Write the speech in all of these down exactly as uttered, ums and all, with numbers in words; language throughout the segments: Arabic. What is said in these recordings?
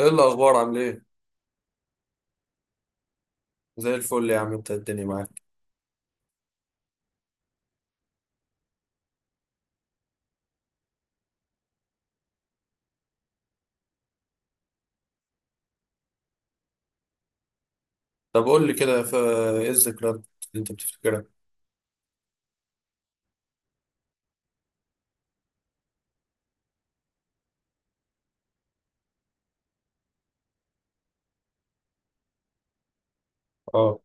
ايه الاخبار؟ عامل ايه؟ زي الفل يا عم، انت الدنيا معاك. طب قول لي كده، ف- ايه الذكريات اللي انت بتفتكرها؟ اه،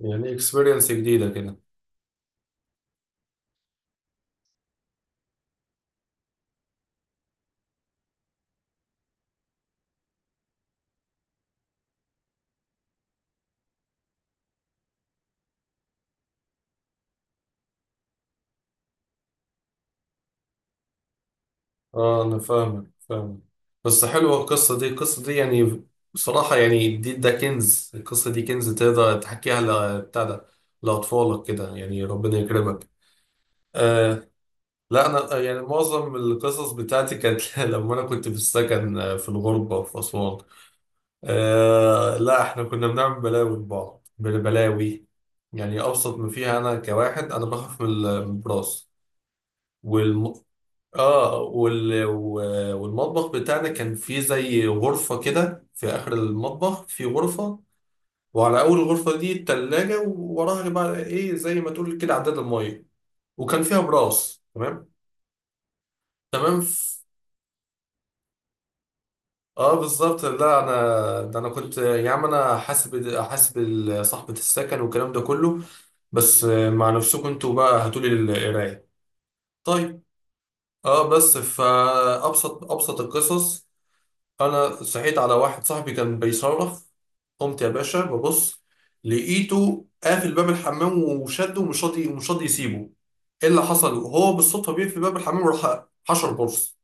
يعني اكسبيرينس جديدة كده. اه انا فاهمك فاهمك. بس حلوة القصة دي القصة دي يعني. بصراحة يعني دي ده كنز، القصة دي كنز، تقدر تحكيها ل- بتاع ده، لأطفالك كده، يعني ربنا يكرمك. آه، لا. انا يعني معظم القصص بتاعتي كانت لما انا كنت في السكن، آه، في الغربة في أسوان. آه لا، احنا كنا بنعمل بلاوي لبعض، بل- بلاوي. يعني ابسط ما فيها، انا كواحد انا بخاف من ال- من البراس. والم... اه وال... و- والمطبخ بتاعنا كان فيه زي غرفة كده، في اخر المطبخ في غرفة. وعلى اول غرفة دي التلاجة، ووراها بقى ايه، زي ما تقول كده، عداد المية، وكان فيها براس. تمام. تمام. ف- اه بالظبط. لا انا ده، انا كنت يا عم، انا حاسب حاسب ال- صاحبة السكن والكلام ده كله، بس آه، مع نفسكم انتوا بقى هاتولي القراية. طيب. اه بس فأبسط أبسط القصص، أنا صحيت على واحد صاحبي كان بيصرخ. قمت يا باشا ببص، لقيته قافل باب الحمام وشده، ومش راضي ومش راضي يسيبه. ايه اللي حصل؟ هو بالصدفة بيقفل باب الحمام وراح حشر برص.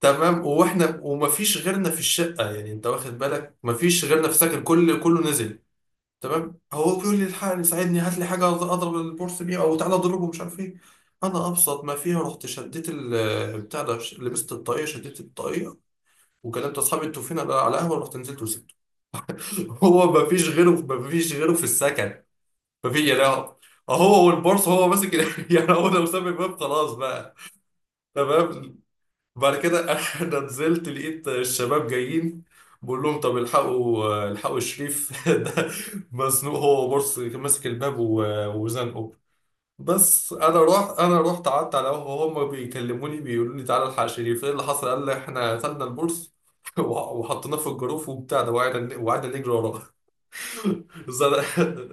تمام، واحنا ومفيش غيرنا في الشقة، يعني انت واخد بالك، مفيش غيرنا في سكن، كل كله نزل. تمام، هو بيقول لي: الحقني ساعدني، هات لي حاجه اضرب البورس بيها، او تعالى اضربه، مش عارف ايه. انا ابسط ما فيها رحت شديت ال- بتاع ده، ش- لبست الطاقيه، شديت الطاقيه، وكلمت اصحابي: انتوا فين؟ انا على قهوه. رحت نزلت وسبته. هو ما فيش غيره، ما فيش غيره في السكن. ما في يعني، هو، هو والبورصه، هو ماسك ال- يعني هو لو ساب الباب خلاص بقى. تمام. بعد كده انا نزلت، لقيت الشباب جايين، بقول لهم: طب الحقوا الحقوا شريف ده مزنوق، هو بص ماسك الباب و- وزنقه. بس انا رحت، انا رحت قعدت على قهوه. هم بيكلموني، بيقولوا لي: تعالى الحق شريف، ايه اللي حصل؟ قال لي: احنا خدنا البورس وح- وحطيناه في الجروف وبتاع ده، وقعدنا، وقعدنا نجري وراه. زنق،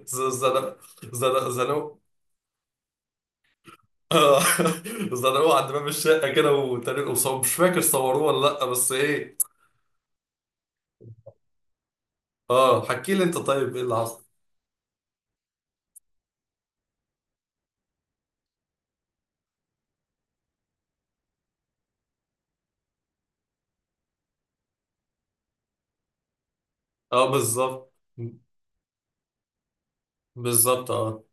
زنق، زنق، زنق. زنقوه عند باب الشقه كده وتريقوا، مش فاكر صوروه ولا لا، بس ايه. اه حكي لي انت، طيب ايه اللي حصل؟ اه بالظبط. بالظبط اه.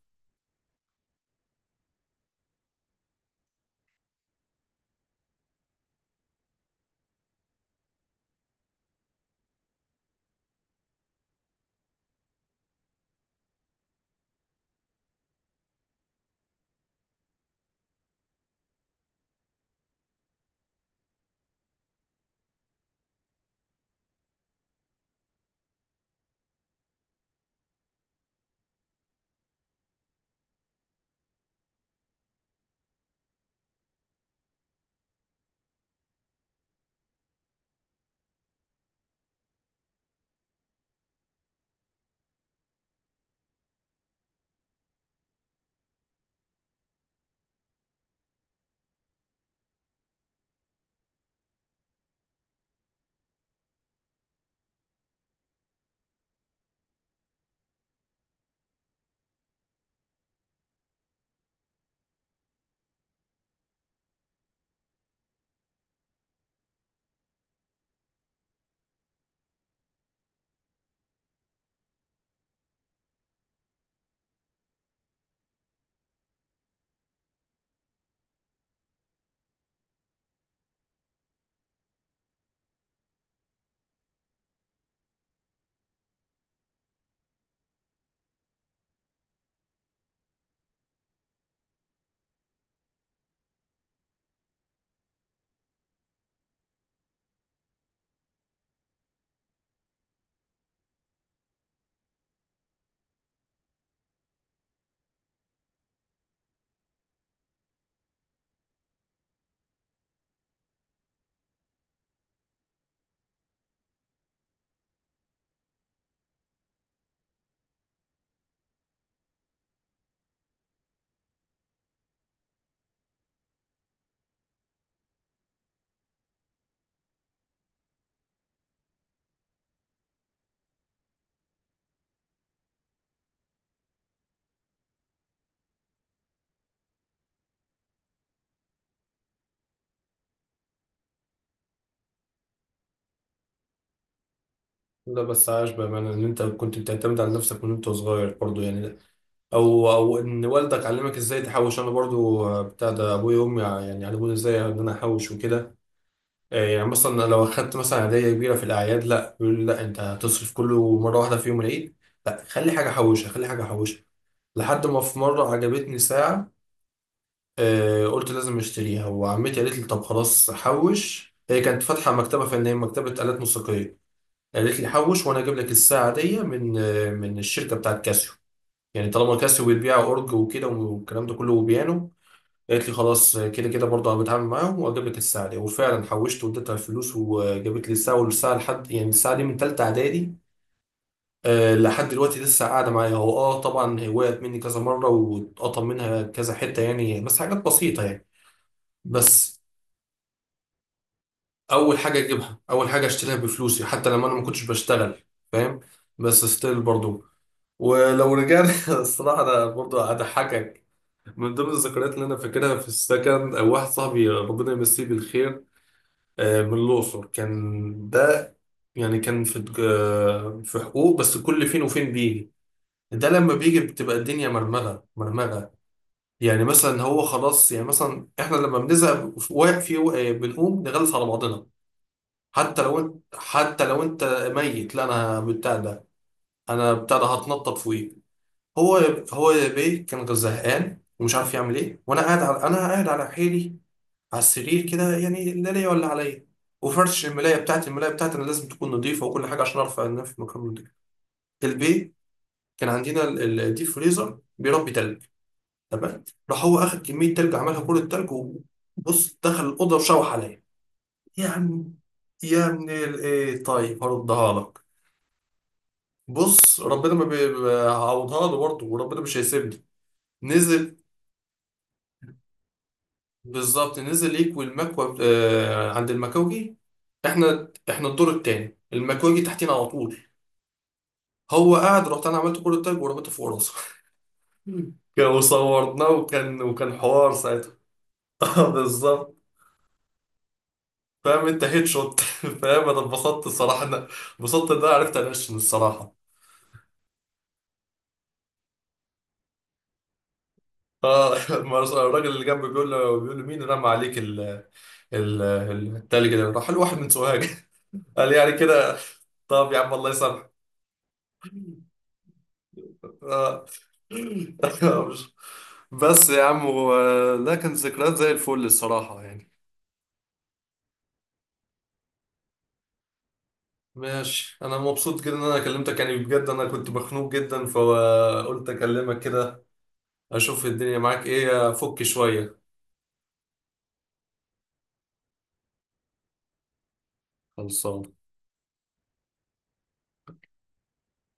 لا بس عاش، بامانه ان انت كنت بتعتمد على نفسك من وانت صغير برضو يعني. او او ان والدك علمك ازاي تحوش. انا برضو آه، بتاع ده، ابويا وامي، ع- يعني علموني ازاي ان انا احوش وكده. آه، يعني مثلا لو اخدت مثلا هديه كبيره في الاعياد، لا يقول لي: لا انت هتصرف كله مره واحده في يوم العيد، لا خلي حاجه احوشها، خلي حاجه احوشها. لحد ما في مره عجبتني ساعه، آه، قلت لازم اشتريها، وعمتي قالت لي: طب خلاص حوش. هي كانت فاتحه مكتبه فنيه، مكتبه آلات موسيقيه. قالت لي: حوش وانا اجيب لك الساعه دي من، آه، من الشركه بتاعت كاسيو، يعني طالما كاسيو بتبيع اورج وكده والكلام ده كله وبيانو. قالت لي: خلاص، آه، كده كده برضه انا بتعامل معاهم واجيب لك الساعه دي. وفعلا حوشت واديتها الفلوس وجابت لي الساعه، والساعه لحد يعني الساعه دي من ثالثه اعدادي، آه، لحد دلوقتي لسه قاعده معايا. هو اه طبعا هي وقعت مني كذا مره واتقطم منها كذا حته يعني، بس حاجات بسيطه يعني. بس اول حاجه اجيبها، اول حاجه اشتريها بفلوسي حتى لما انا ما كنتش بشتغل. فاهم. بس ستيل برضو. ولو رجعنا الصراحه، انا برضو هضحكك. من ضمن الذكريات اللي انا فاكرها في السكن، آه، واحد صاحبي، ربنا يمسيه بالخير، آه، من الاقصر كان ده. يعني كان في آه، في حقوق، بس كل فين وفين بيجي. ده لما بيجي بتبقى الدنيا مرمغه مرمغه. يعني مثلا هو خلاص، يعني مثلا احنا لما بنزهق في في- آه، بنقوم نغلس على بعضنا. حتى لو انت حتى لو انت ميت، لا انا بتاع ده، انا بتاع ده هتنطط فوقيه. هو هو يا بيه كان زهقان ومش عارف يعمل ايه، وانا قاعد على، انا قاعد على حيلي على السرير كده، يعني لا ليا ولا عليا، وفرش الملايه بتاعتي، الملايه بتاعتي انا لازم تكون نظيفه وكل حاجه عشان ارفع النفس في مكان نضيف. البيه كان عندنا ال- الديب فريزر بيربي تلج. تمام. راح هو اخد كميه تلج، عملها كل التلج وبص دخل الاوضه وشوح عليا. يا عم، يا ابن الايه، طيب هردها لك. بص، ربنا، ما بي- ما هعوضها له برضه، وربنا مش هيسيبني. نزل. بالظبط نزل يكوي المكوى، آه، عند المكوجي. احنا، احنا الدور التاني، المكوجي تحتينا على طول. هو قاعد رحت انا عملت كل التاج ورميته فوق راسه. كان- وصورناه، وكان، وكان حوار ساعتها. آه، بالظبط. فاهم انت، هيد شوت. فاهم، انا اتبسطت الصراحه، انا اتبسطت ان انا عرفت انشن الصراحه. اه ما رس- الراجل اللي جنبي بيقول له، بيقول له مين رمى عليك ال، ال ال- التلج ده؟ راح الواحد من سوهاج قال، يعني كده طب يا عم الله يسامحك. آه. مش- بس يا عم، و- ده كانت ذكريات زي الفل الصراحة يعني. ماشي، انا مبسوط جدا ان انا كلمتك يعني بجد، انا كنت مخنوق جدا فقلت اكلمك كده، اشوف الدنيا معاك ايه، افك شوية. خلصان.